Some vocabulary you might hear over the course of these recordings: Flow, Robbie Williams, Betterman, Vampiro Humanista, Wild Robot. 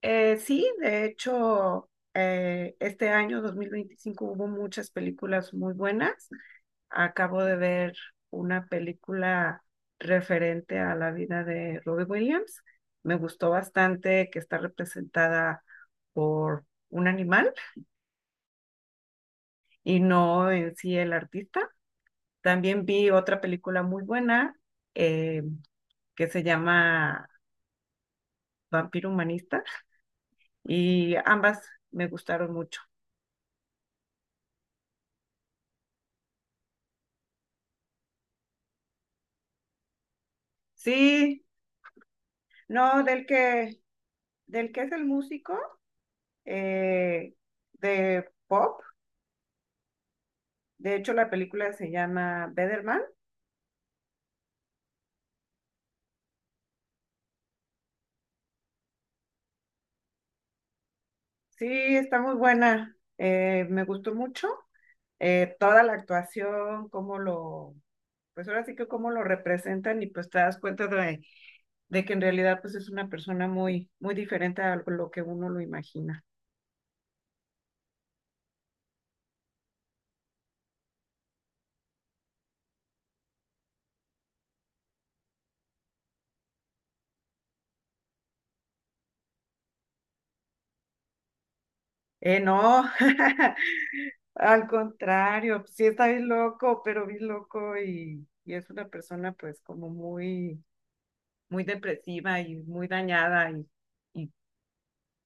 Sí, de hecho, este año 2025 hubo muchas películas muy buenas. Acabo de ver una película referente a la vida de Robbie Williams. Me gustó bastante que está representada por un animal y no en sí el artista. También vi otra película muy buena, eh, que se llama Vampiro Humanista, y ambas me gustaron mucho. Sí. No, del que es el músico, eh, de pop. De hecho, la película se llama Betterman. Sí, está muy buena. Me gustó mucho, toda la actuación, pues ahora sí que cómo lo representan, y pues te das cuenta de que en realidad pues es una persona muy, muy diferente a lo que uno lo imagina. No, al contrario, sí está bien loco, pero bien loco, y es una persona pues como muy muy depresiva y muy dañada, y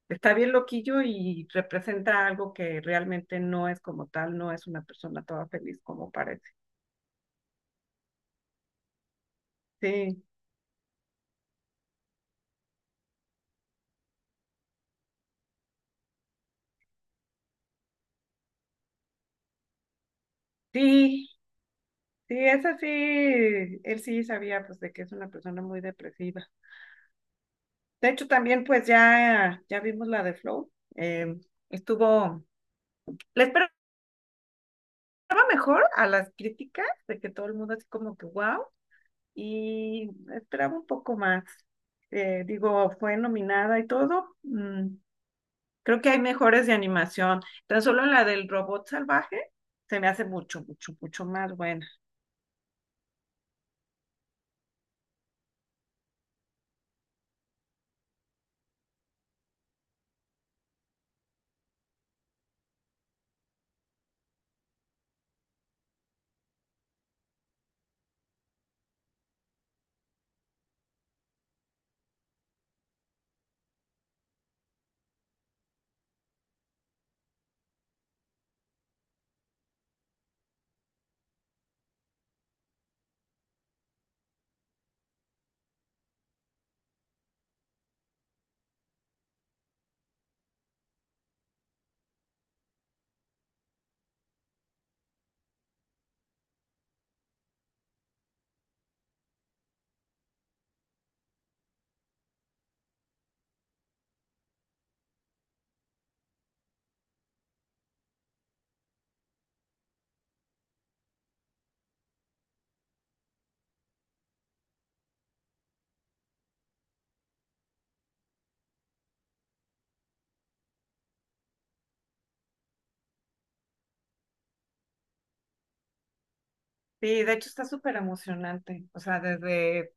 está bien loquillo y representa algo que realmente no es como tal, no es una persona toda feliz como parece. Sí, sí, sí, es así. Él sí sabía pues de que es una persona muy depresiva. De hecho, también pues ya, ya vimos la de Flow. eh, Estuvo, le esperaba mejor a las críticas de que todo el mundo así como que wow, y esperaba un poco más. Digo, fue nominada y todo. Mm, creo que hay mejores de animación. Tan solo la del robot salvaje se me hace mucho, mucho, mucho más buena. Sí, de hecho está súper emocionante. O sea, desde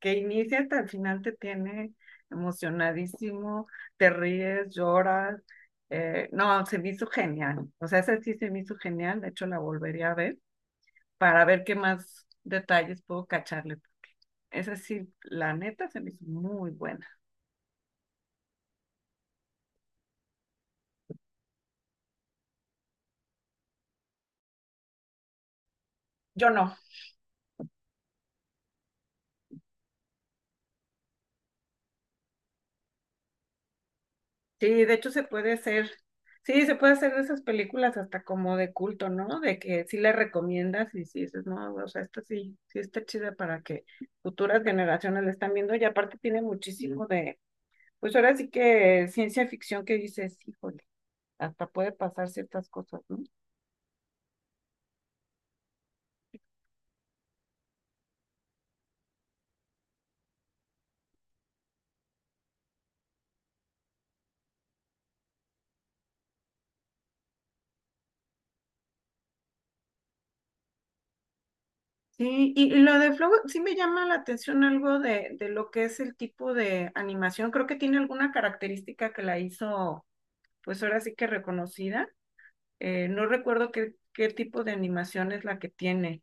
que inicia hasta el final te tiene emocionadísimo, te ríes, lloras. No, se me hizo genial. O sea, esa sí se me hizo genial. De hecho, la volvería a ver, para ver qué más detalles puedo cacharle. Porque esa sí, la neta se me hizo muy buena. Yo no. Sí, de hecho se puede hacer, sí, se puede hacer de esas películas hasta como de culto, ¿no? De que sí le recomiendas y sí dices, no, o sea, esta sí, sí está chida para que futuras generaciones la están viendo, y aparte tiene muchísimo de, pues ahora sí que ciencia ficción, que dices, híjole, hasta puede pasar ciertas cosas, ¿no? Sí, y lo de Flow sí me llama la atención algo de lo que es el tipo de animación. Creo que tiene alguna característica que la hizo, pues ahora sí que reconocida. No recuerdo qué, qué tipo de animación es la que tiene.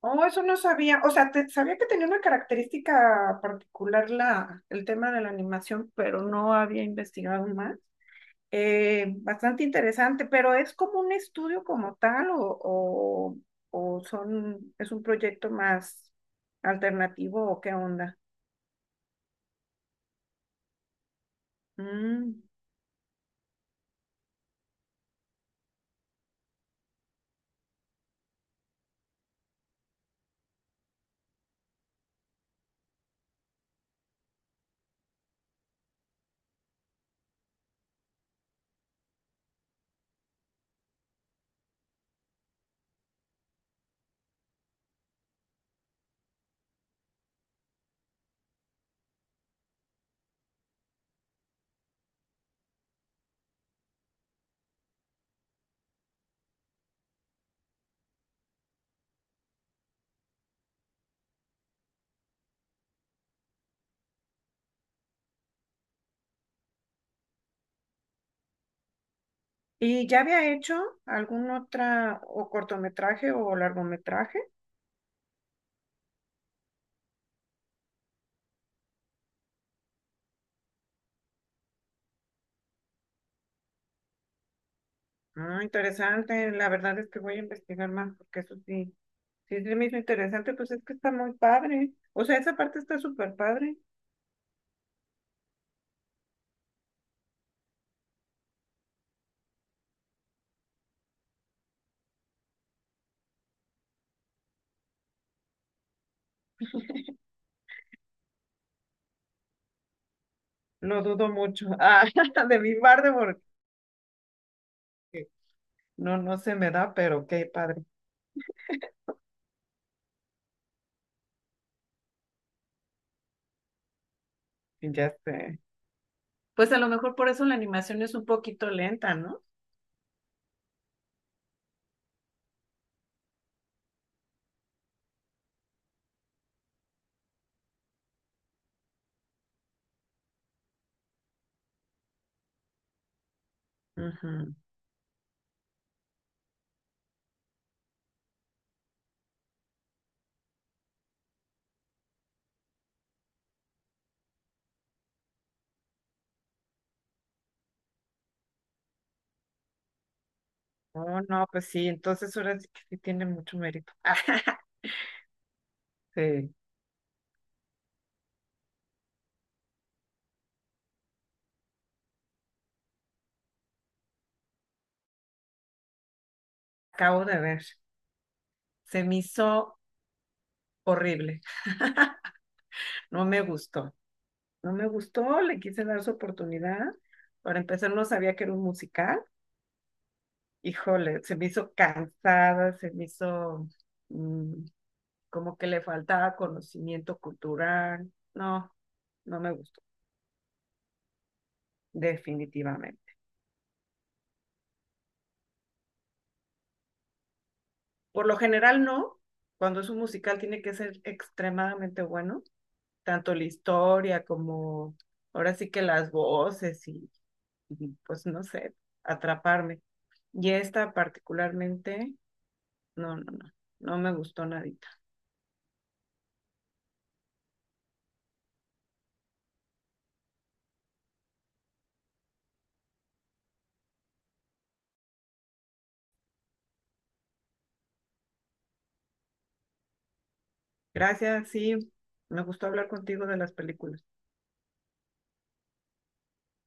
Oh, eso no sabía. O sea, sabía que tenía una característica particular el tema de la animación, pero no había investigado más. Bastante interesante, pero ¿es como un estudio como tal o son, es un proyecto más alternativo o qué onda? Mm. ¿Y ya había hecho algún otra o cortometraje o largometraje? Ah, interesante, la verdad es que voy a investigar más porque eso sí, sí se me hizo interesante, pues es que está muy padre. O sea, esa parte está súper padre. Lo dudo mucho. Ah, de mi parte porque no, no se me da, pero qué padre. Ya sé. Pues a lo mejor por eso la animación es un poquito lenta, ¿no? Ujú. Oh, no, pues sí, entonces ahora sí que sí tiene mucho mérito. Sí. Acabo de ver. Se me hizo horrible. No me gustó. No me gustó, le quise dar su oportunidad. Para empezar, no sabía que era un musical. Híjole, se me hizo cansada, se me hizo, mm, como que le faltaba conocimiento cultural. No, no me gustó, definitivamente. Por lo general no, cuando es un musical tiene que ser extremadamente bueno, tanto la historia como ahora sí que las voces y, pues no sé, atraparme. Y esta particularmente, no, no, no, no me gustó nadita. Gracias, sí, me gustó hablar contigo de las películas.